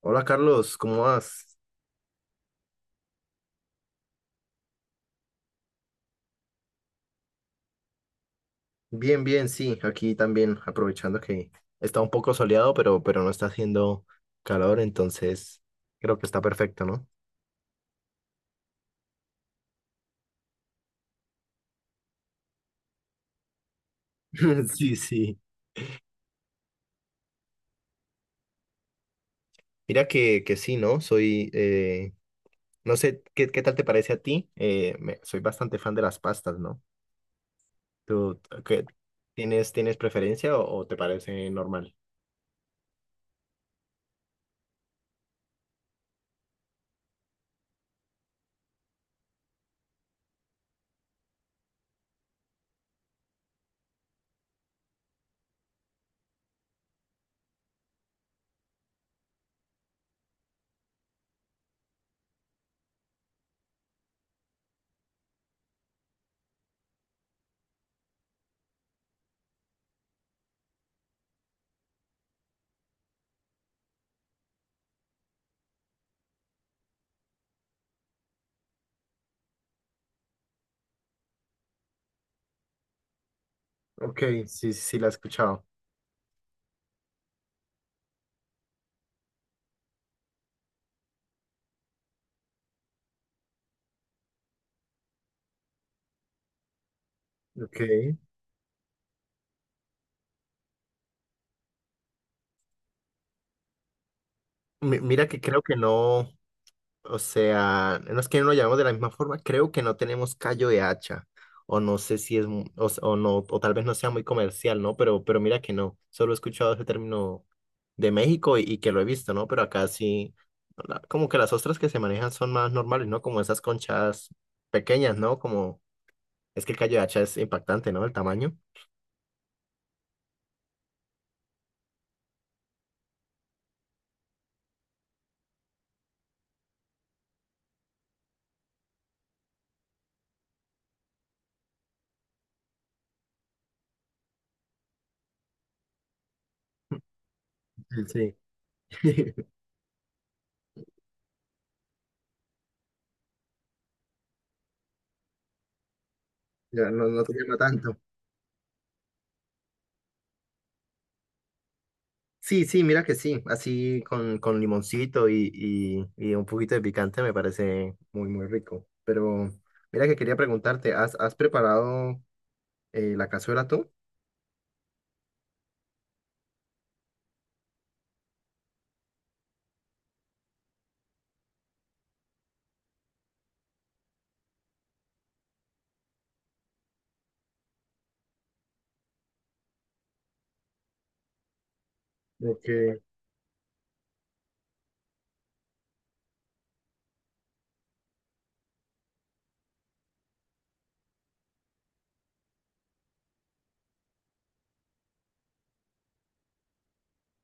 Hola Carlos, ¿cómo vas? Bien, bien, sí, aquí también aprovechando que está un poco soleado, pero no está haciendo calor, entonces creo que está perfecto, ¿no? Sí, sí. Mira que sí, ¿no? Soy, no sé, ¿qué, qué tal te parece a ti? Soy bastante fan de las pastas, ¿no? ¿Tú qué, tienes, tienes preferencia o te parece normal? Ok, sí, sí, sí, la he escuchado. Ok. Mira que creo que no. O sea, no es que no lo llamemos de la misma forma, creo que no tenemos callo de hacha, o no sé si es, mu- o, s- o no, o tal vez no sea muy comercial, ¿no? Pero mira que no, solo he escuchado ese término de México y que lo he visto, ¿no? Pero acá sí, como que las ostras que se manejan son más normales, ¿no? Como esas conchas pequeñas, ¿no? Como, es que el callo de hacha es impactante, ¿no? El tamaño. Sí. Ya, no, no te llama tanto. Sí, sí, mira que sí, así con limoncito y un poquito de picante me parece muy, muy rico. Pero mira que quería preguntarte, ¿has, has preparado la cazuela tú? Ok,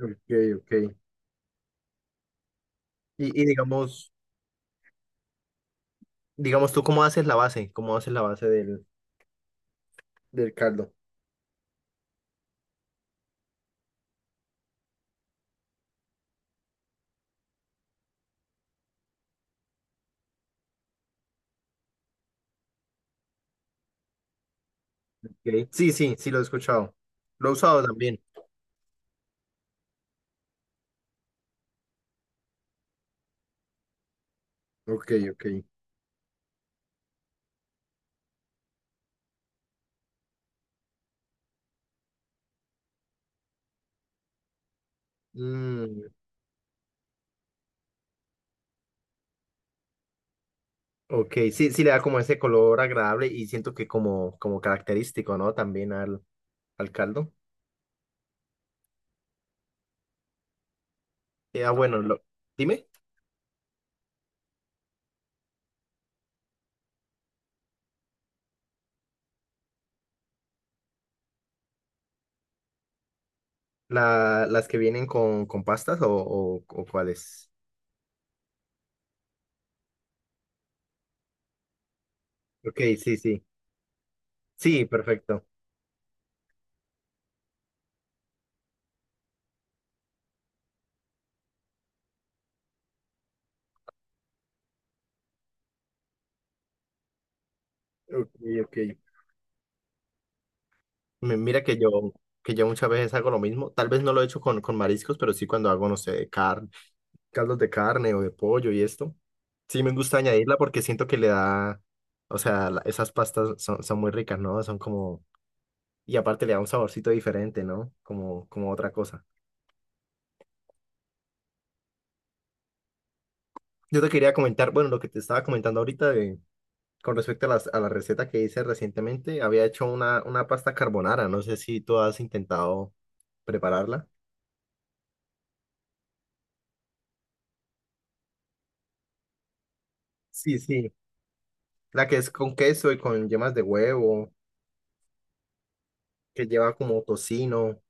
ok, ok. Y digamos, digamos tú, ¿cómo haces la base? ¿Cómo haces la base del caldo? Ok. Sí, sí, sí, lo he escuchado. Lo he usado también. Ok, ok. Mm, ok, sí, sí le da como ese color agradable y siento que como, como característico, ¿no? También al caldo. Eh, ah, bueno, lo- Dime, las que vienen con pastas o cuáles. Ok, sí, sí. Sí, perfecto. Ok, ok. Mira que yo muchas veces hago lo mismo. Tal vez no lo he hecho con mariscos, pero sí cuando hago, no sé, de carne, caldos de carne o de pollo y esto. Sí, me gusta añadirla porque siento que le da, o sea, esas pastas son, son muy ricas, ¿no? Son como, y aparte le da un saborcito diferente, ¿no? Como, como otra cosa. Yo te quería comentar, bueno, lo que te estaba comentando ahorita de con respecto a, las, a la receta que hice recientemente, había hecho una pasta carbonara. No sé si tú has intentado prepararla. Sí, sí. La que es con queso y con yemas de huevo, que lleva como tocino.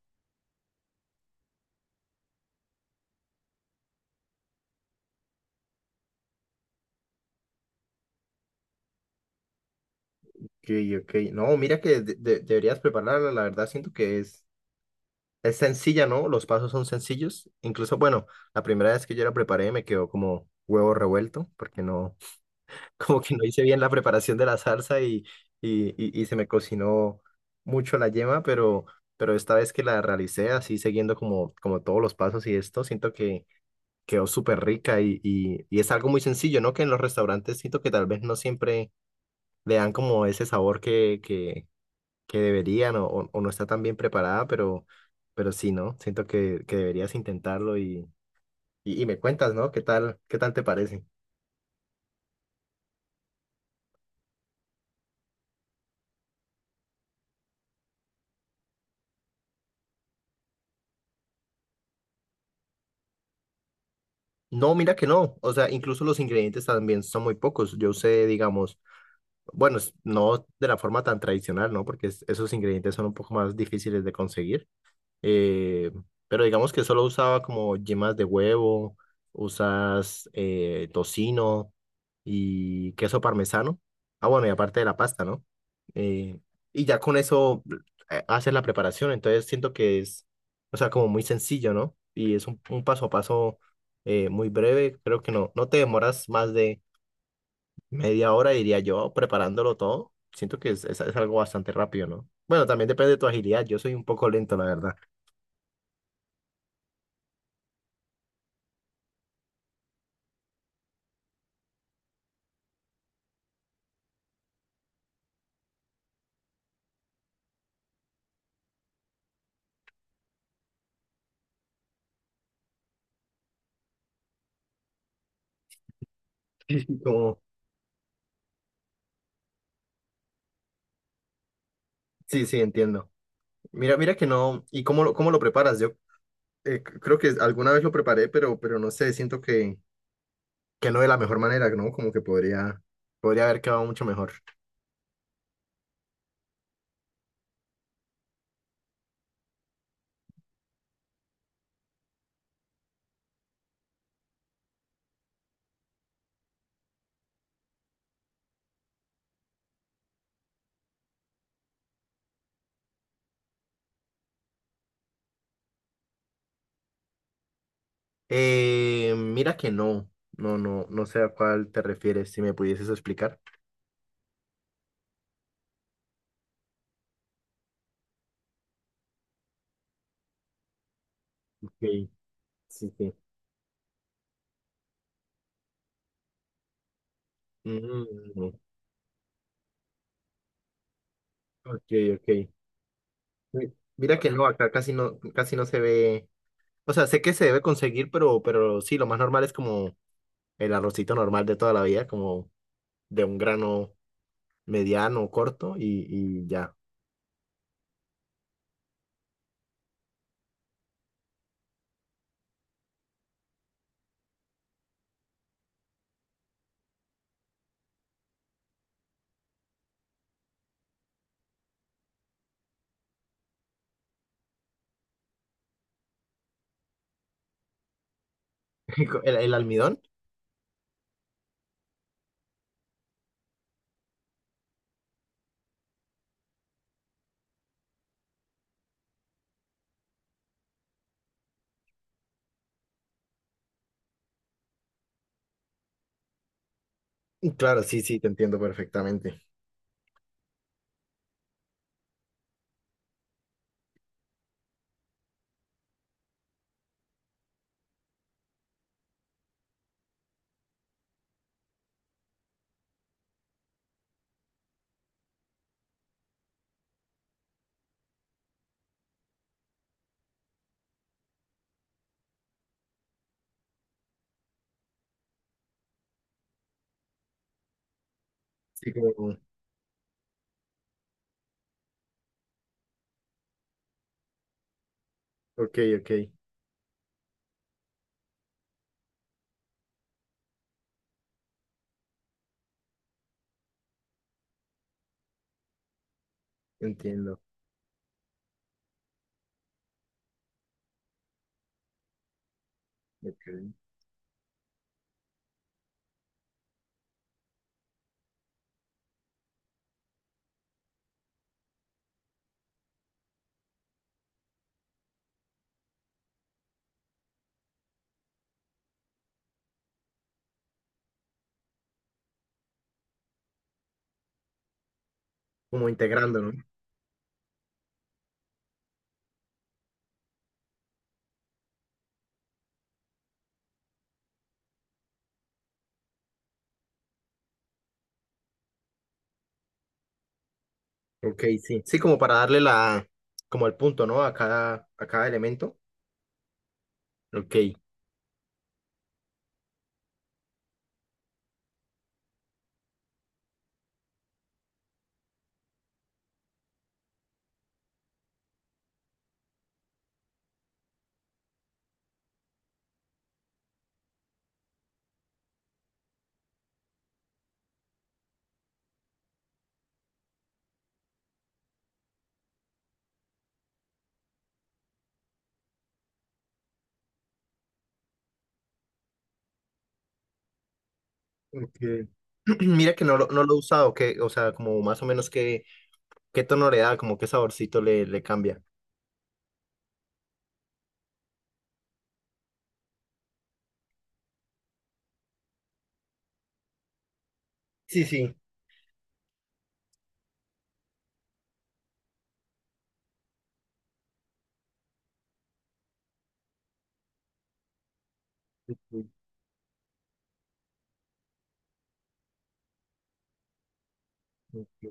Que, no, mira que deberías prepararla. La verdad, siento que es sencilla, ¿no? Los pasos son sencillos. Incluso, bueno, la primera vez que yo la preparé me quedó como huevo revuelto, porque no, como que no hice bien la preparación de la salsa y, y se me cocinó mucho la yema, pero esta vez que la realicé así siguiendo como, como todos los pasos y esto, siento que quedó súper rica y es algo muy sencillo, ¿no? Que en los restaurantes siento que tal vez no siempre le dan como ese sabor que deberían o no está tan bien preparada, pero sí, ¿no? Siento que deberías intentarlo y me cuentas, ¿no? Qué tal te parece? No, mira que no. O sea, incluso los ingredientes también son muy pocos. Yo usé, digamos, bueno, no de la forma tan tradicional, ¿no? Porque esos ingredientes son un poco más difíciles de conseguir, eh, pero digamos que solo usaba como yemas de huevo, usas tocino y queso parmesano. Ah, bueno, y aparte de la pasta, ¿no? Eh, y ya con eso haces la preparación, entonces siento que es, o sea, como muy sencillo, ¿no? Y es un paso a paso, muy breve, creo que no, no te demoras más de media hora, diría yo, preparándolo todo. Siento que es, es algo bastante rápido, ¿no? Bueno, también depende de tu agilidad, yo soy un poco lento, la verdad. Como, sí, sí, entiendo. Mira, mira que no. ¿Y cómo lo preparas? Yo creo que alguna vez lo preparé, pero no sé, siento que no de la mejor manera, ¿no? Como que podría, podría haber quedado mucho mejor. Mira que no. No, no, no sé a cuál te refieres, si me pudieses explicar. Ok, sí, sí. Mm, ok, ok. Mira que no, acá casi no se ve. O sea, sé que se debe conseguir, pero sí, lo más normal es como el arrocito normal de toda la vida, como de un grano mediano, corto y ya. El almidón? Mm, claro, sí, sí, te entiendo perfectamente. Sí, como, ok, ok, entiendo. Ok. Como integrando, ¿no? Ok, sí. Sí, como para darle la, como el punto, ¿no? A cada elemento. Ok. Ok. Mira que no lo, no lo he usado, que, o sea, como más o menos qué, qué tono le da, como qué saborcito le, le cambia. Sí, sí. Ok, ok,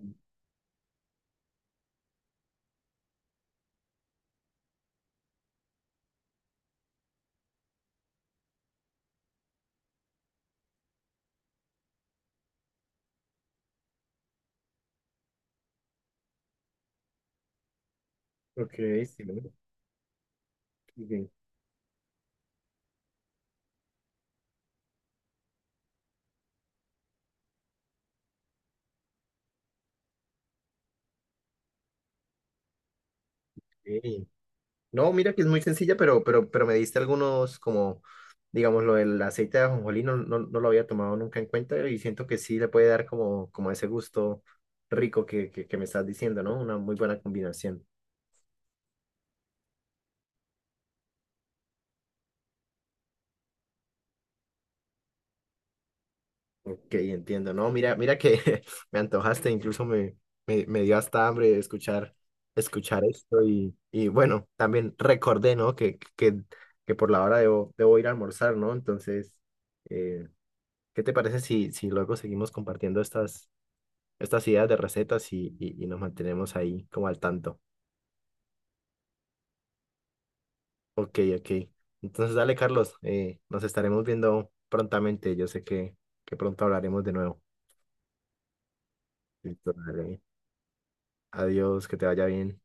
ok, sí, ¿no? Ok, ok. No, mira que es muy sencilla, pero me diste algunos como, digamos, lo del aceite de ajonjolí, no, no, no lo había tomado nunca en cuenta y siento que sí le puede dar como, como ese gusto rico que me estás diciendo, ¿no? Una muy buena combinación. Ok, entiendo, ¿no? Mira, mira que me antojaste, incluso me, me, me dio hasta hambre escuchar, escuchar esto y bueno, también recordé, ¿no? Que por la hora debo, debo ir a almorzar, ¿no? Entonces, eh, ¿qué te parece si, si luego seguimos compartiendo estas estas ideas de recetas y nos mantenemos ahí como al tanto? Ok, ok. Entonces, dale, Carlos, nos estaremos viendo prontamente. Yo sé que pronto hablaremos de nuevo. Listo, dale. Adiós, que te vaya bien.